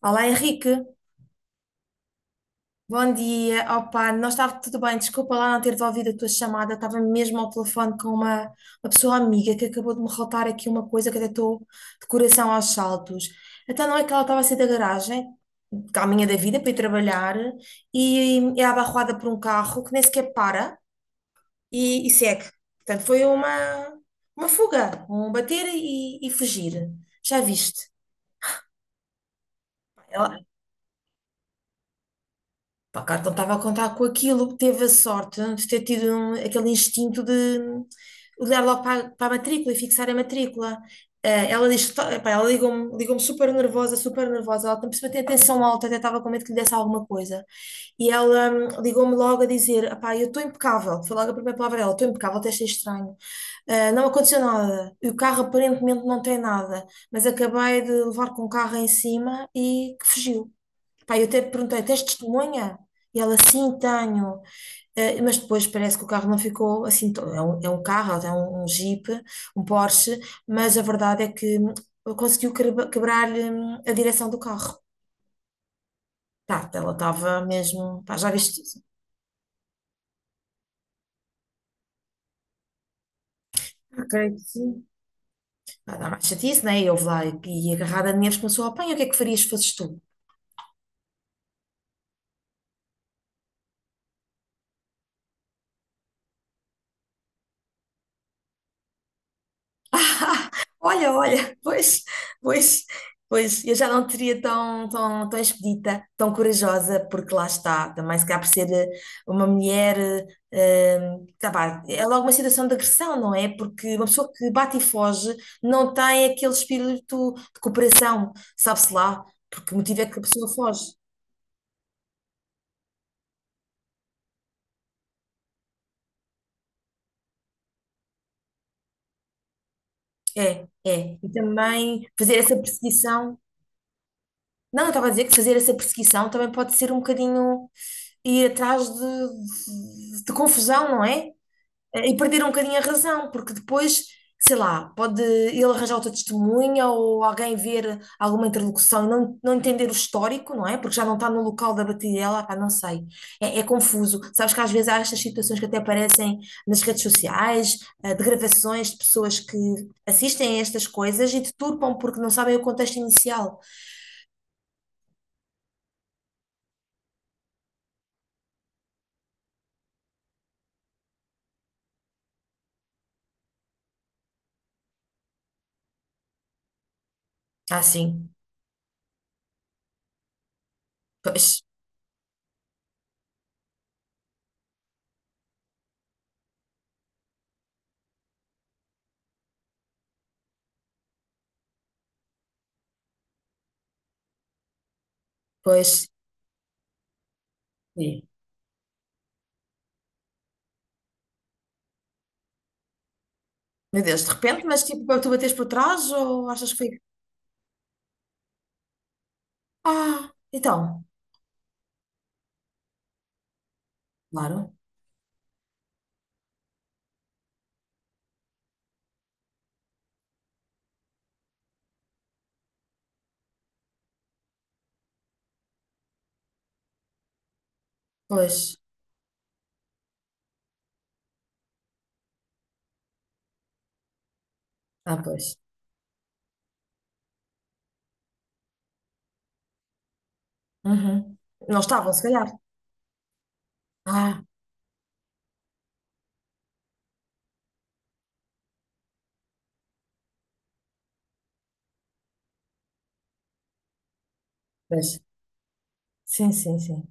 Olá Henrique, bom dia. Opa, não estava tudo bem, desculpa lá não ter devolvido a tua chamada, estava mesmo ao telefone com uma pessoa amiga que acabou de me relatar aqui uma coisa que até estou de coração aos saltos. Então não é que ela estava a sair da garagem, caminha da vida para ir trabalhar, e é abarroada por um carro que nem sequer para e segue. Portanto, foi uma fuga, um bater e fugir. Já viste? Ela, pá, claro que não estava a contar com aquilo, teve a sorte de ter tido aquele instinto de olhar logo para, a para a matrícula e fixar a matrícula. Ela diz, pá, ligou-me super nervosa, ela por cima tem a tensão alta, até estava com medo que lhe desse alguma coisa. E ela ligou-me logo a dizer, "Epá, eu estou impecável, foi logo a primeira palavra dela, estou impecável, até achei estranho. Ah, não aconteceu nada. E o carro aparentemente não tem nada, mas acabei de levar com o carro em cima e que fugiu. Pá, eu até perguntei, tens testemunha? E ela, sim, tenho. Mas depois parece que o carro não ficou assim, é é é um Jeep, um Porsche, mas a verdade é que conseguiu quebrar-lhe a direção do carro. Tá, ela estava mesmo, pá, já viste isso? Ah, creio que sim. Pá, dá mais chatice, né? E houve lá e agarrada a dinheiros começou a apanhar, o que é que farias se fosses tu? Olha, olha, pois, pois, pois, eu já não teria tão expedita, tão corajosa, porque lá está, também se calhar por ser uma mulher, tá vá, é logo uma situação de agressão, não é? Porque uma pessoa que bate e foge não tem aquele espírito de cooperação, sabe-se lá, porque o motivo é que a pessoa foge. É, é. E também fazer essa perseguição, não, eu estava a dizer que fazer essa perseguição também pode ser um bocadinho. Ir atrás de confusão, não é? E perder um bocadinho a razão, porque depois, sei lá, pode ele arranjar outra testemunha ou alguém ver alguma interlocução e não entender o histórico, não é? Porque já não está no local da batidela, pá, não sei. É, é confuso. Sabes que às vezes há estas situações que até aparecem nas redes sociais, de gravações de pessoas que assistem a estas coisas e deturpam porque não sabem o contexto inicial. Ah, sim. Pois, pois. Sim. Meu Deus, de repente, mas tipo, tu bates por trás ou achas que foi? Ah, então, claro. Pois, ah, pois. Uhum. Não estavam, se calhar. Ah, pois. Sim, sim, sim.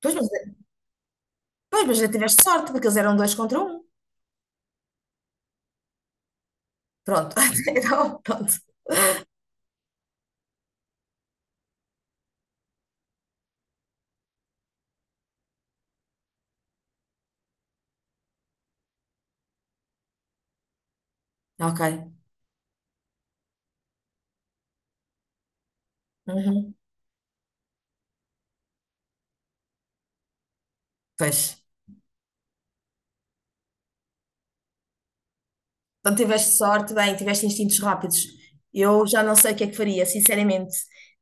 Pois, mas, pois, mas já tiveste sorte, porque eles eram dois contra um. Pronto. Então, pronto. Ok. Uhum. Pois. Então tiveste sorte, bem, tiveste instintos rápidos. Eu já não sei o que é que faria, sinceramente.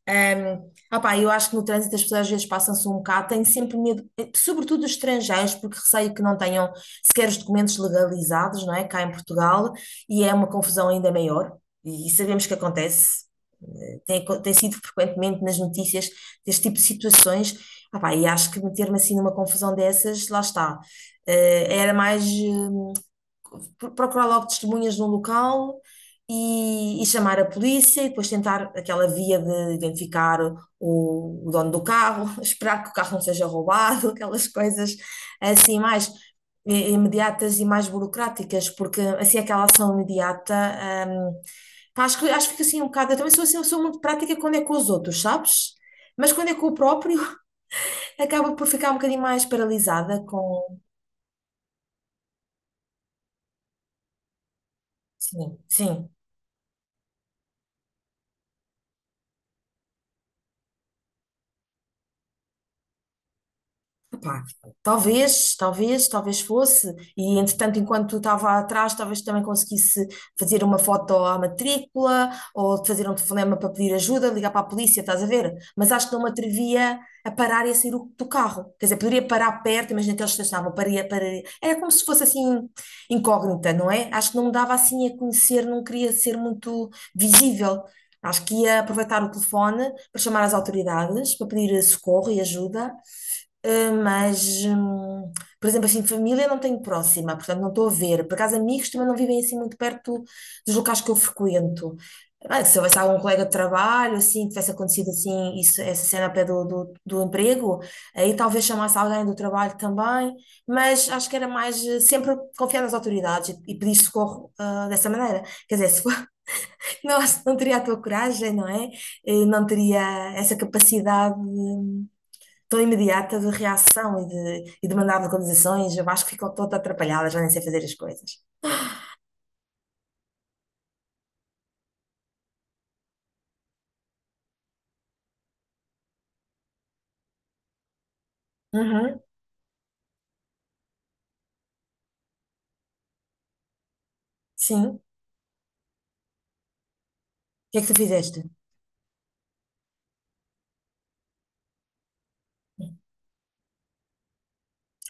Ahm, Opá, eu acho que no trânsito as pessoas às vezes passam-se um bocado, têm sempre medo, sobretudo os estrangeiros, porque receio que não tenham sequer os documentos legalizados, não é? Cá em Portugal, e é uma confusão ainda maior, e sabemos que acontece. Tem, tem sido frequentemente nas notícias deste tipo de situações. Opá, e acho que meter-me assim numa confusão dessas, lá está. Era mais. Procurar logo testemunhas no local e chamar a polícia e depois tentar aquela via de identificar o dono do carro, esperar que o carro não seja roubado, aquelas coisas assim mais imediatas e mais burocráticas, porque assim aquela ação imediata, hum, pá, acho que fica assim um bocado, eu também sou assim, eu sou muito prática quando é com os outros, sabes? Mas quando é com o próprio, acaba por ficar um bocadinho mais paralisada com... Sim, sim. Epá, talvez fosse. E entretanto, enquanto estava atrás, talvez também conseguisse fazer uma foto à matrícula ou fazer um telefonema para pedir ajuda, ligar para a polícia, estás a ver? Mas acho que não me atrevia a parar e a sair do carro. Quer dizer, poderia parar perto, imagina que eles estacionavam, paria, paria. Era como se fosse assim incógnita, não é? Acho que não me dava assim a conhecer, não queria ser muito visível. Acho que ia aproveitar o telefone para chamar as autoridades, para pedir socorro e ajuda. Uh, mas, hum, por exemplo, assim, família não tenho próxima, portanto não estou a ver. Por acaso, amigos também não vivem assim muito perto dos locais que eu frequento. Ah, se houvesse algum colega de trabalho, assim, tivesse acontecido assim, isso, essa cena a pé do emprego, aí talvez chamasse alguém do trabalho também, mas acho que era mais sempre confiar nas autoridades e pedir socorro, ah, dessa maneira. Quer dizer, se for, não, acho que não teria a tua coragem, não é? Não teria essa capacidade. Tão imediata de reação e de mandar localizações, eu acho que ficou toda atrapalhada, já nem sei fazer as coisas. Uhum, sim. O que é que tu fizeste?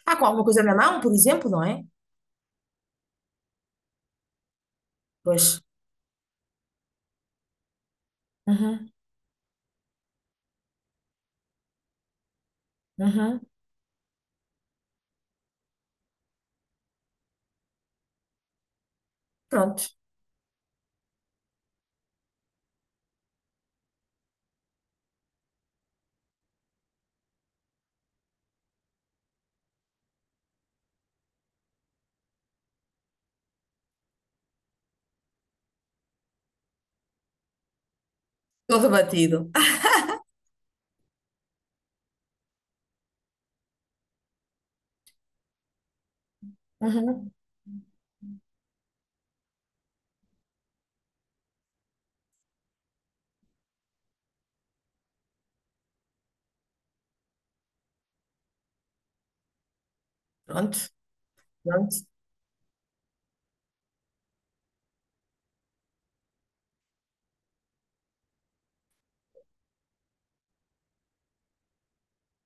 Ah, com alguma coisa na mão, por exemplo, não é? Pois. Uhum, uhum. Pronto. Todo batido. Uhum. Pronto, pronto.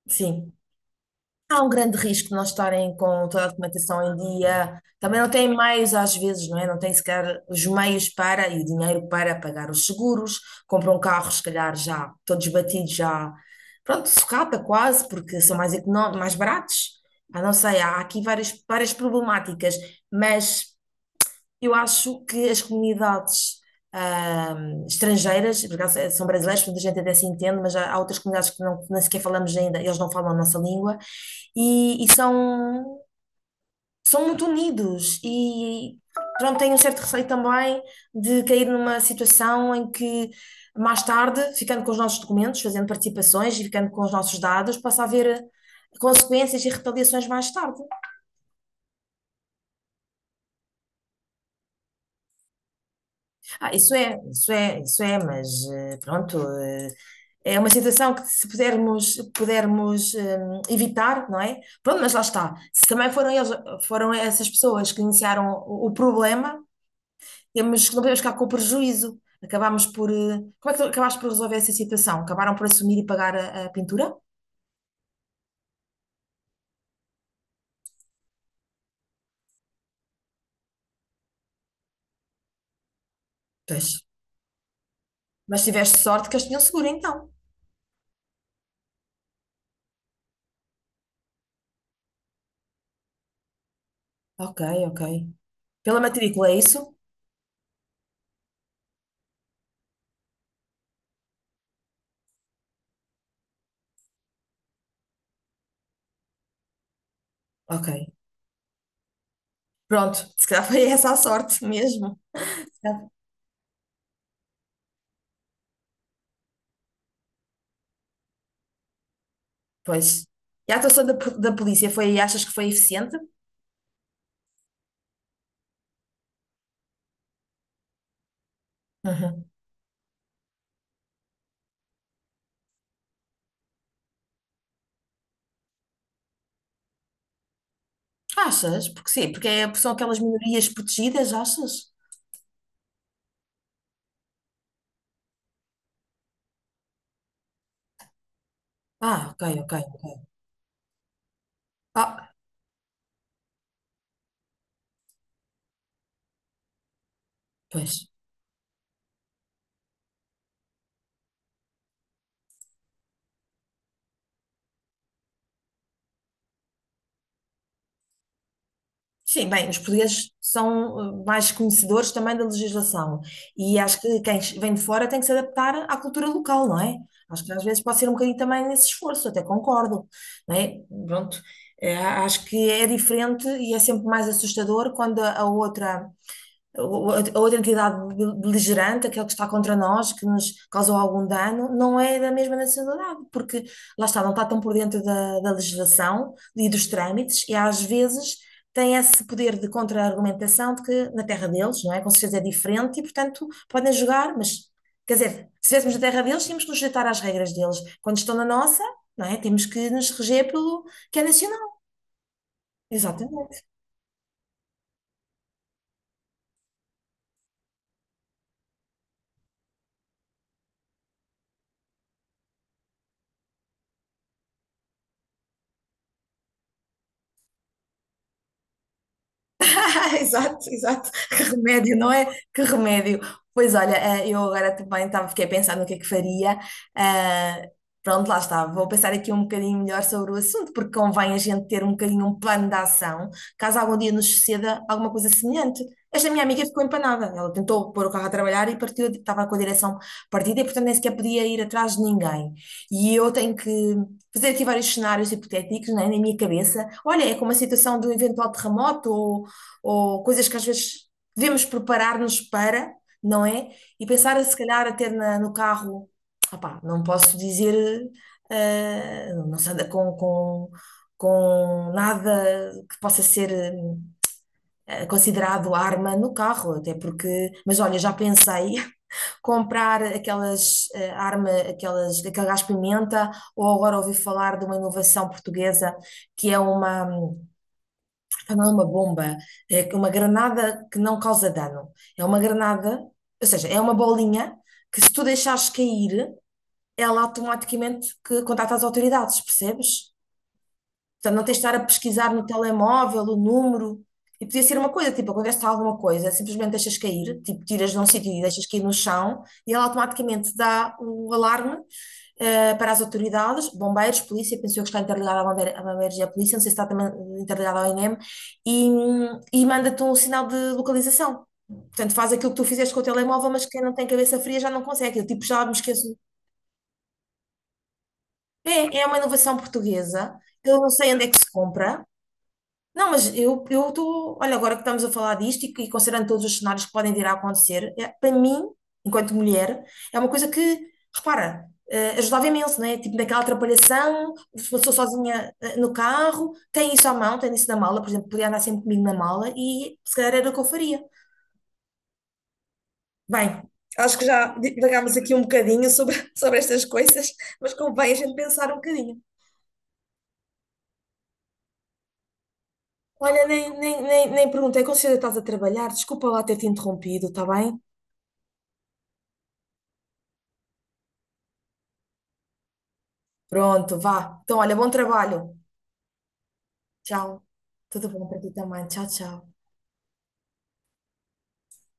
Sim. Há um grande risco de não estarem com toda a documentação em dia. Também não têm meios, às vezes, não é? Não têm sequer os meios para e o dinheiro para pagar os seguros. Compram carros, se calhar, já todos batidos, já. Pronto, sucata quase, porque são mais, mais baratos. Ah, não sei, há aqui várias problemáticas, mas. Eu acho que as comunidades estrangeiras, por acaso são brasileiros muita gente até se entende, mas há outras comunidades que não, que nem sequer falamos ainda, eles não falam a nossa língua, e são, são muito unidos. E pronto, tenho um certo receio também de cair numa situação em que, mais tarde, ficando com os nossos documentos, fazendo participações e ficando com os nossos dados, possa haver consequências e retaliações mais tarde. Ah, isso é, mas pronto. É uma situação que se pudermos evitar, não é? Pronto, mas lá está. Se também foram eles, foram essas pessoas que iniciaram o problema, temos, não podemos ficar com o prejuízo. Acabámos por. Como é que tu acabaste por resolver essa situação? Acabaram por assumir e pagar a pintura? Pois. Mas tiveste sorte que eles tinham seguro, então. Ok, ok. Pela matrícula, é isso? Ok. Pronto, se calhar foi essa a sorte mesmo. Se calhar. Pois. E a atuação da, da polícia foi, achas que foi eficiente? Uhum. Achas? Porque sim, são aquelas minorias protegidas, achas? Ah, ok, ok. Ok. Ah, pois. Sim, bem, os portugueses são mais conhecedores também da legislação e acho que quem vem de fora tem que se adaptar à cultura local, não é? Acho que às vezes pode ser um bocadinho também nesse esforço, até concordo, não é? Pronto, acho que é diferente e é sempre mais assustador quando a outra ou outra entidade beligerante, aquele que está contra nós, que nos causou algum dano, não é da mesma nacionalidade, porque lá está, não está tão por dentro da legislação e dos trâmites, e às vezes tem esse poder de contra-argumentação de que na terra deles, não é? Com certeza é diferente e, portanto, podem jogar, mas, quer dizer, se estivéssemos na terra deles, tínhamos que nos sujeitar às regras deles. Quando estão na nossa, não é? Temos que nos reger pelo que é nacional. Exatamente. Exato, exato. Que remédio, não é? Que remédio. Pois olha, eu agora também estava, fiquei a pensar no que é que faria. Ah, pronto, lá está. Vou pensar aqui um bocadinho melhor sobre o assunto, porque convém a gente ter um bocadinho um plano de ação, caso algum dia nos suceda alguma coisa semelhante. Esta minha amiga ficou empanada. Ela tentou pôr o carro a trabalhar e partiu, estava com a direção partida e, portanto, nem sequer podia ir atrás de ninguém. E eu tenho que fazer aqui vários cenários hipotéticos, né, na minha cabeça. Olha, é como a situação do eventual terremoto ou coisas que às vezes devemos preparar-nos para, não é? E pensar, se calhar, até no carro, opá, não posso dizer, não se anda com nada que possa ser considerado arma no carro, até porque, mas olha, já pensei comprar aquelas aquele gás pimenta, ou agora ouvi falar de uma inovação portuguesa que é uma ah, não é uma bomba, é que uma granada que não causa dano. É uma granada, ou seja, é uma bolinha que se tu deixares cair, ela automaticamente que contacta as autoridades, percebes? Portanto, não tens de estar a pesquisar no telemóvel o número. E podia ser uma coisa, tipo, acontece alguma coisa, simplesmente deixas cair, tipo, tiras de um sítio e deixas cair no chão, e ela automaticamente dá o alarme para as autoridades, bombeiros, polícia, penso eu que está interligado à bombeiros e à polícia, não sei se está também interligado ao INEM, e manda-te um sinal de localização. Portanto, faz aquilo que tu fizeste com o telemóvel, mas quem não tem cabeça fria já não consegue. Eu, tipo, já me esqueço. É, é uma inovação portuguesa. Eu não sei onde é que se compra. Não, mas eu estou. Olha, agora que estamos a falar disto e considerando todos os cenários que podem vir a acontecer, é- para mim, enquanto mulher, é uma coisa que, repara, ajudava imenso, não é? Tipo, naquela atrapalhação, se passou sozinha no carro, tem isso à mão, tem isso na mala, por exemplo, podia andar sempre comigo na mala e se calhar era o que eu faria. Bem, acho que já divagámos aqui um bocadinho sobre, sobre estas coisas, mas convém a gente pensar um bocadinho. Olha, nem perguntei, considera que estás a trabalhar? Desculpa lá ter-te interrompido, está bem? Pronto, vá. Então, olha, bom trabalho. Tchau. Tudo bom para ti também. Tchau, tchau.